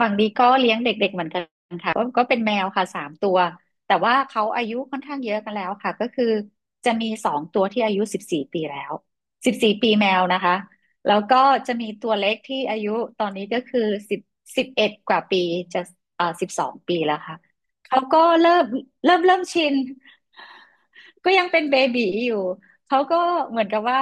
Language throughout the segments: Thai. ฝั่งนี้ก็เลี้ยงเด็กๆเหมือนกันค่ะก็เป็นแมวค่ะ3 ตัวแต่ว่าเขาอายุค่อนข้างเยอะกันแล้วค่ะก็คือจะมี2 ตัวที่อายุสิบสี่ปีแล้วสิบสี่ปีแมวนะคะแล้วก็จะมีตัวเล็กที่อายุตอนนี้ก็คือสิบเอ็ดกว่าปีจะ12 ปีแล้วค่ะเขาก็เริ่มชินก็ยังเป็นเบบี๋อยู่ เขาก็เหมือนกับว่า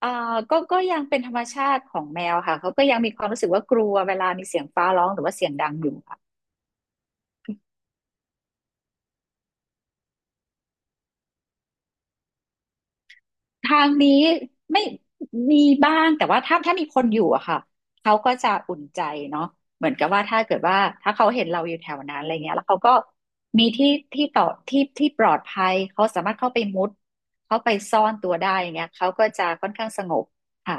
อ่าก็ยังเป็นธรรมชาติของแมวค่ะเขาก็ยังมีความรู้สึกว่ากลัวเวลามีเสียงฟ้าร้องหรือว่าเสียงดังอยู่ค่ะทางนี้ไม่มีบ้างแต่ว่าถ้ามีคนอยู่อะค่ะเขาก็จะอุ่นใจเนาะเหมือนกับว่าถ้าเกิดว่าถ้าเขาเห็นเราอยู่แถวนั้นอะไรเงี้ยแล้วเขาก็มีที่ที่ปลอดภัยเขาสามารถเข้าไปมุดเขาไปซ่อนตัวได้อย่างเงี้ยเขาก็จะค่อนข้างสงบค่ะ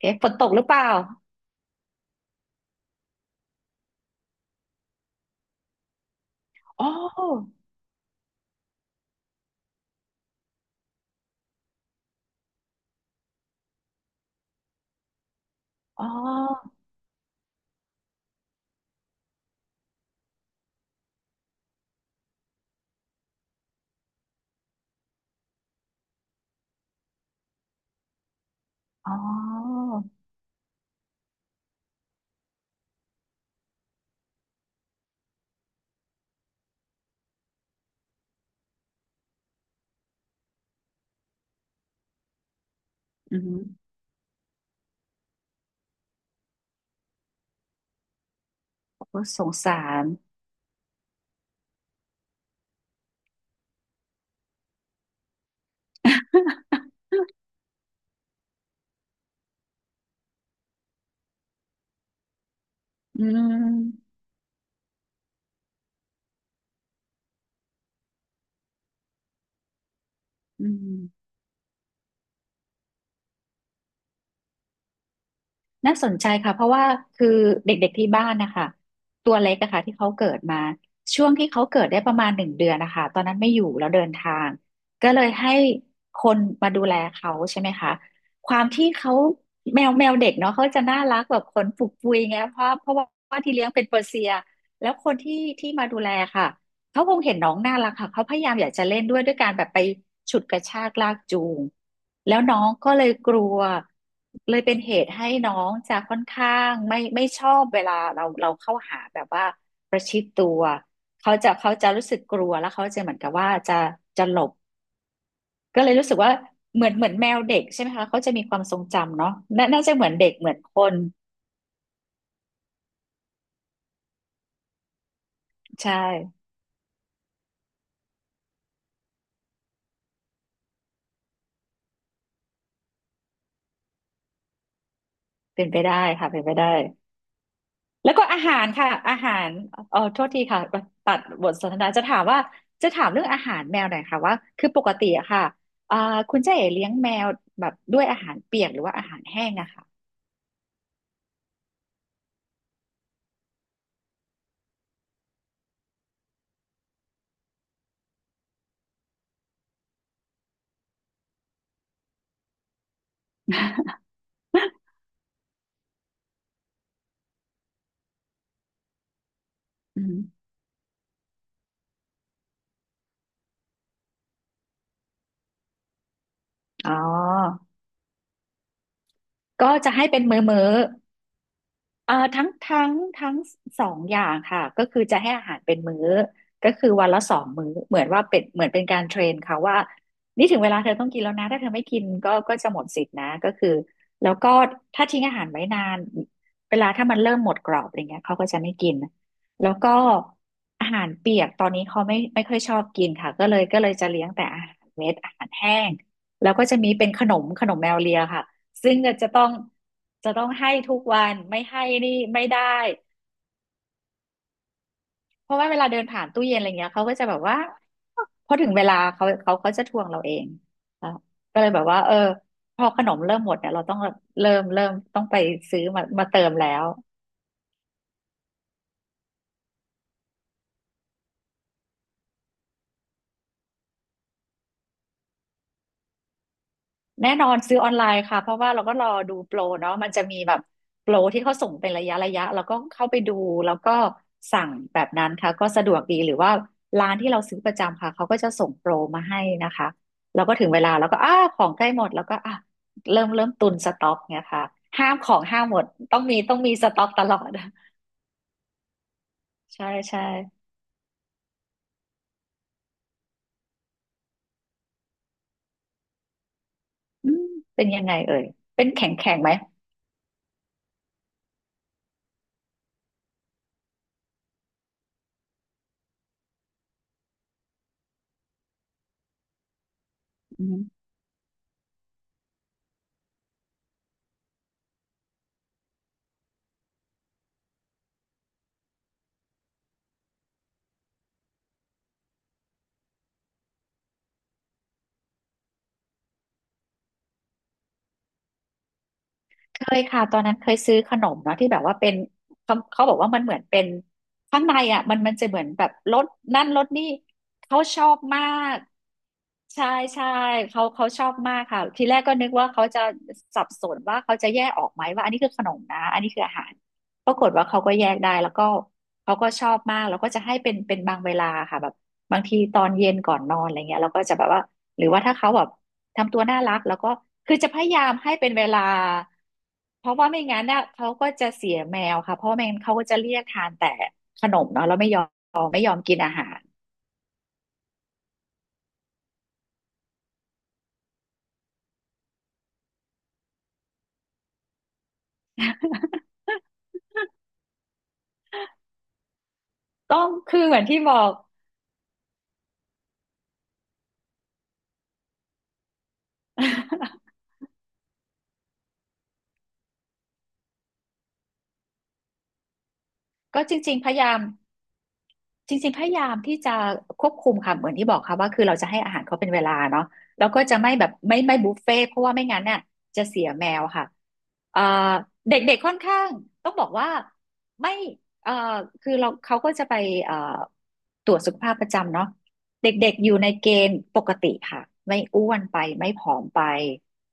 เอ๊ะฝนตกหรือเปล่าอ๋ออ๋อ อ๋ออืมโอ้สงสารอืมอืมน่าสนใจค่ะ เพราะว่าคือเด็กๆที่บ้านนะคะตัวเล็กอะค่ะที่เขาเกิดมา ช่วงที่เขาเกิดได้ประมาณ1 เดือนนะคะตอนนั้นไม่อยู่แล้วเดินทางก็เลยให้คนมาดูแลเขาใช่ไหมคะความที่เขาแมวเด็กเนาะเขาจะน่ารักแบบขนปุกปุยไงเพราะว่าที่เลี้ยงเป็นเปอร์เซียแล้วคนที่ที่มาดูแลค่ะ เขาคงเห็นน้องน่ารักค่ะเขาพยายามอยากจะเล่นด้วยด้วยการแบบไปฉุดกระชากลากจูงแล้วน้องก็เลยกลัวเลยเป็นเหตุให้น้องจะค่อนข้างไม่ชอบเวลาเราเข้าหาแบบว่าประชิดตัวเขาจะรู้สึกกลัวแล้วเขาจะเหมือนกับว่าจะหลบก็เลยรู้สึกว่าเหมือนเหมือนแมวเด็กใช่ไหมคะเขาจะมีความทรงจำเนาะน่าจะเหมือนเด็กเหมือนคนใช่เป็นไปได้ค่ะเป็นไปได้ แล้วก็อาหารค่ะอาหารเออโทษทีค่ะตัดบทสนทนาจะถามว่าจะถามเรื่องอาหารแมวหน่อยค่ะว่าคือปกติอะค่ะอ่าคุณเจ๊เอ๋เลี้ยงแมวแบบด้วยอาหารเปียกหรือว่าอาหารแห้งอะค่ะอืมอ๋อก็จะให้เป็นมื้อมื้อ ทั้ง2 อย่างค่ะก็คือจะให้อาหารเป็นมื้อก็คือวันละ2 มื้อเหมือนว่าเป็นเหมือนเป็นการเทรนเขาว่านี่ถึงเวลาเธอต้องกินแล้วนะถ้าเธอไม่กินก็จะหมดสิทธินะก็คือแล้วก็ถ้าทิ้งอาหารไว้นานเวลาถ้ามันเริ่มหมดกรอบอะไรเงี้ยเขาก็จะไม่กินแล้วก็อาหารเปียกตอนนี้เขาไม่ค่อยชอบกินค่ะก็เลยจะเลี้ยงแต่อาหารเม็ดอาหารแห้งแล้วก็จะมีเป็นขนมขนมแมวเลียค่ะ ซึ่งเนี่ยจะต้องให้ทุกวันไม่ให้นี่ไม่ได้เพราะว่าเวลาเดินผ่านตู้เย็นอะไรเงี้ยเขาก็จะแบบว่าพอถึงเวลาเขาจะทวงเราเองแล้วก็เลยแบบว่าเออพอขนมเริ่มหมดเนี่ยเราต้องเริ่มต้องไปซื้อมาเติมแล้ว แน่นอนซื้อออนไลน์ค่ะเพราะว่าเราก็รอดูโปรเนาะมันจะมีแบบโปรที่เขาส่งเป็นระยะระยะเราก็เข้าไปดูแล้วก็สั่งแบบนั้นค่ะก็สะดวกดีหรือว่าร้านที่เราซื้อประจำค่ะเขาก็จะส่งโปรมาให้นะคะเราก็ถึงเวลาเราก็อ้าของใกล้หมดแล้วก็อ่ะเริ่มตุนสต็อกเนี่ยค่ะห้ามของห้ามหมดต้องมีสต็อกตลอด ใช่ใช่อืมเป็นยังไงเอ่ยเป็นแข็งแข็งไหม เคยค่ะตอนนั้นเคยซื้อขนมเนาะที่แบบว่าเป็นเขาบอกว่ามันเหมือนเป็นข้างในอ่ะมันจะเหมือนแบบรสนั่นรสนี่เขาชอบมากใช่ใช่เขาชอบมากค่ะทีแรกก็นึกว่าเขาจะสับสนว่าเขาจะแยกออกไหมว่าอันนี้คือขนมนะอันนี้คืออาหารปรากฏว่าเขาก็แยกได้แล้วก็เขาก็ชอบมากแล้วก็จะให้เป็นบางเวลาค่ะแบบบางทีตอนเย็นก่อนนอนอะไรเงี้ยเราก็จะแบบว่าหรือว่าถ้าเขาแบบทำตัวน่ารักแล้วก็คือจะพยายามให้เป็นเวลา เพราะว่าไม่งั้นน่ะเขาก็จะเสียแมวค่ะเพราะไม่งั้นเขาก็จะเรียกทานแต่ขนมเนาะแล้วไม่ยอมกินอาหารต้องคือเหมือนที่บอก ก็จริงๆพยายามจริงๆพยายามที่จะควบคุมค่ะเหมือนที่บอกค่ะว่าคือเราจะให้อาหารเขาเป็นเวลาเนาะแล้วก็จะไม่แบบไม่บุฟเฟ่ต์เพราะว่าไม่งั้นน่ะจะเสียแมวค่ะเอ่อเด็กๆค่อนข้างต้องบอกว่าไม่เอ่อคือเราเขาก็จะไปเอ่อ ตรวจสุขภาพประจำเนาะเด็กๆอยู่ในเกณฑ์ปกติค่ะไม่อ้วนไปไม่ผอมไป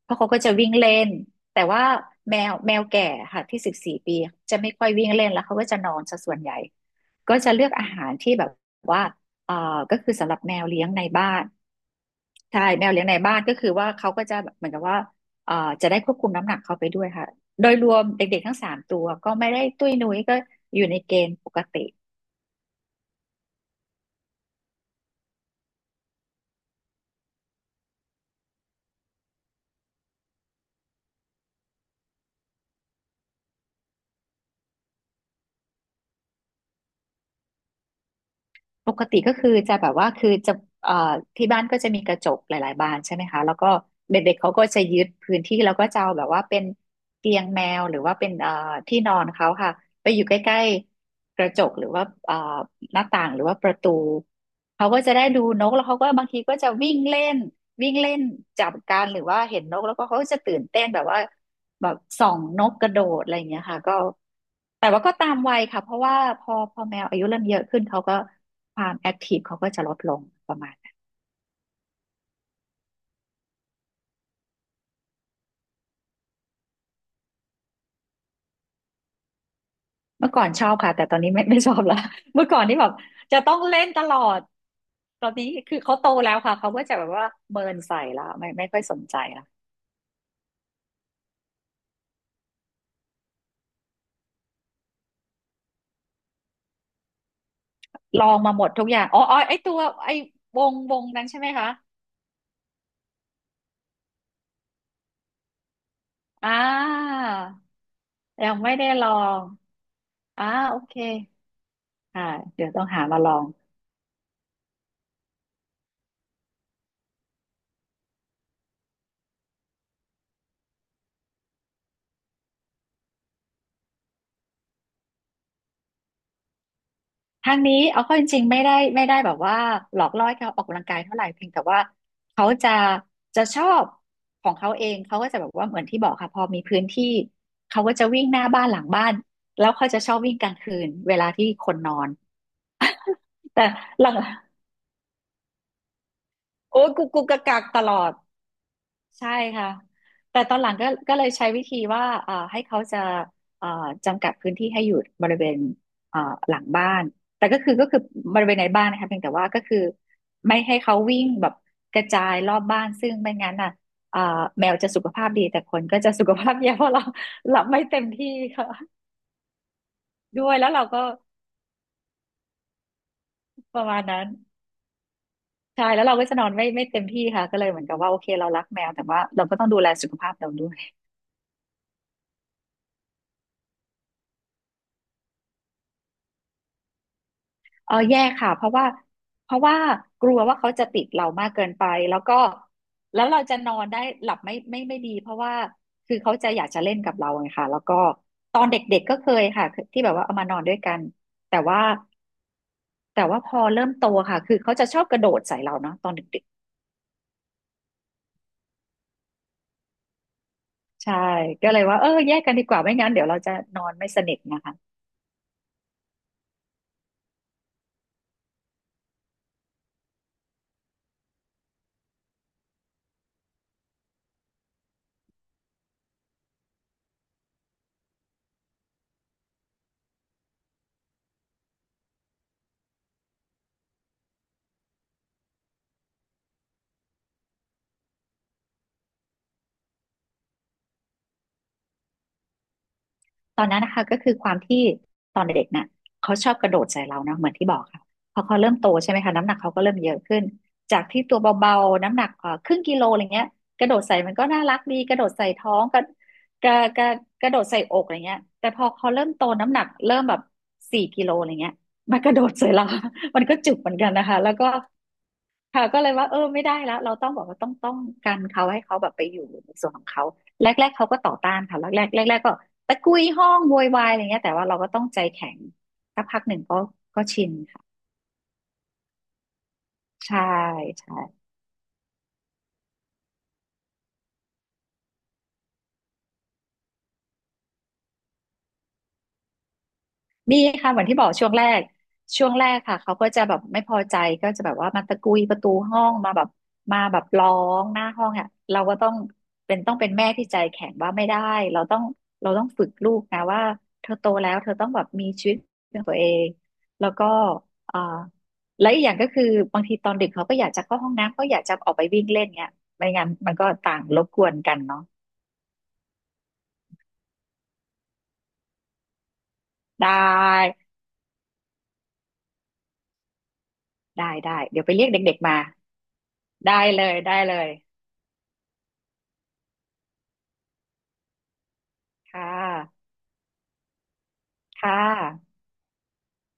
เพราะเขาก็จะวิ่งเล่นแต่ว่าแมวแก่ค่ะที่14 ปีจะไม่ค่อยวิ่งเล่นแล้วเขาก็จะนอนซะส่วนใหญ่ก็จะเลือกอาหารที่แบบว่าเอ่อก็คือสำหรับแมวเลี้ยงในบ้านใช่แมวเลี้ยงในบ้านก็คือว่าเขาก็จะแบบเหมือนกับว่าเอ่อจะได้ควบคุมน้ำหนักเขาไปด้วยค่ะโดยรวมเด็กๆทั้งสามตัวก็ไม่ได้ตุ้ยนุ้ยก็อยู่ในเกณฑ์ปกติ ปกติก็คือจะแบบว่าคือจะเอ่อที่บ้านก็จะมีกระจกหลายๆบานใช่ไหมคะแล้วก็เด็กๆเขาก็จะยึดพื้นที่แล้วก็จะเอาแบบว่าเป็นเตียงแมวหรือว่าเป็นที่นอนเขาค่ะไปอยู่ใกล้ๆกระจกหรือว่าหน้าต่างหรือว่าประตูเขาก็จะได้ดูนกแล้วเขาก็บางทีก็จะวิ่งเล่นวิ่งเล่นจับกันหรือว่าเห็นนกแล้วก็เขาก็จะตื่นเต้นแบบว่าแบบส่องนกกระโดดอะไรอย่างเงี้ยค่ะก็แต่ว่าก็ตามวัยค่ะเพราะว่าพอแมวอายุเริ่มเยอะขึ้นเขาก็ ความแอคทีฟเขาก็จะลดลงประมาณนั้นเมื่อก่อนชอบค่ะแต่ตอนนี้ ไม่ชอบละ เมื่อก่อนที่แบบจะต้องเล่นตลอดตอนนี้คือเขาโตแล้วค่ะเขาก็จะแบบว่าเมินใส่ละไม่ค่อยสนใจละลองมาหมดทุกอย่างอ๋ออ๋อไอตัวไอวงนั้นใช่ไหมคะอ่ายังไม่ได้ลองอ่าโอเคอ่าเดี๋ยวต้องหามาลอง ทางนี้เอาเข้าจริงๆไม่ได้แบบว่าหลอกล่อให้เขาออกกำลังกายเท่าไหร่เพียงแต่ว่าเขาจะชอบของเขาเองเขาก็จะแบบว่าเหมือนที่บอกค่ะพอมีพื้นที่เขาก็จะวิ่งหน้าบ้านหลังบ้านแล้วเขาจะชอบวิ่งกลางคืนเวลาที่คนนอนแต่หลังโอ้ยกุกกุกกักกักตลอด ใช่ค่ะแต่ตอนหลังก็เลยใช้วิธีว่าให้เขาจะเอ่อจำกัดพื้นที่ให้อยู่บริเวณเอ่อหลังบ้าน แต่ก็คือบริเวณในบ้านนะคะเพียงแต่ว่าก็คือไม่ให้เขาวิ่งแบบกระจายรอบบ้านซึ่งไม่งั้นอ่ะเอ่อแมวจะสุขภาพดีแต่คนก็จะสุขภาพแย่เพราะเราหลับไม่เต็มที่ค่ะด้วยแล้วเราก็ประมาณนั้นใช่แล้วเราก็จะนอนไม่เต็มที่ค่ะก็เลยเหมือนกับว่าโอเคเรารักแมวแต่ว่าเราก็ต้องดูแลสุขภาพเราด้วย เออแย่ค่ะเพราะว่ากลัวว่าเขาจะติดเรามากเกินไปแล้วก็แล้วเราจะนอนได้หลับไม่ดีเพราะว่าคือเขาจะอยากจะเล่นกับเราไงค่ะแล้วก็ตอนเด็กๆก็เคยค่ะที่แบบว่าเอามานอนด้วยกันแต่ว่าแต่ว่าพอเริ่มโตค่ะคือเขาจะชอบกระโดดใส่เราเนาะตอนเด็กๆใช่ก็เลยว่าเออแยกกันดีกว่าไม่งั้นเดี๋ยวเราจะนอนไม่สนิทนะคะ ตอนนั้นนะคะก็คือความที่ตอนเด็กๆน่ะเขาชอบกระโดดใส่เราเนาะเหมือนที่บอกค่ะพอเขาเริ่มโตใช่ไหมคะน้ำหนักเขาก็เริ่มเยอะขึ้นจากที่ตัวเบาๆน้ำหนักครึ่งกิโลอะไรเงี้ยกระโดดใส่มันก็น่ารักดีกระโดดใส่ท้องกระกระกระโดดใส่อกอะไรเงี้ยแต่พอเขาเริ่มโตน้ำหนักเริ่มแบบ4 กิโลอะไรเงี้ยมันกระโดดใส่เรา มันก็จุกเหมือนกันนะคะแล้วก็ ค่ะก็เลยว่าเออไม่ได้แล้วเราต้องบอกว่าต้องกันเขาให้เขาแบบไปอยู่ในส่วนของเขาแรกๆเขาก็ต่อต้านค่ะแรกๆแรกๆก็ตะกุยห้องโวยวายอะไรเงี้ยแต่ว่าเราก็ต้องใจแข็งสักพักหนึ่งก็ก็ชินค่ะใช่ใช่ มีค่ะเหมือนที่บอกช่วงแรกค่ะเขาก็จะแบบไม่พอใจก็จะแบบว่ามาตะกุยประตูห้องมาแบบร้องหน้าห้องอ่ะเราก็ต้องเป็นแม่ที่ใจแข็งว่าไม่ได้เราต้องเราต้องฝึกลูกนะว่าเธอโตแล้วเธอต้องแบบมีชีวิตเป็นตัวเองแล้วก็เอ่อและอีกอย่างก็คือบางทีตอนดึกเขาก็อยากจะเข้าห้องน้ำก็อยากจะออกไปวิ่งเล่นเงี้ยไม่งั้นมันก็ต่างรบกวนกันเนาะได้ได้ได้เดี๋ยวไปเรียกเด็กๆมาได้เลยได้เลยค่ะ ค่ะ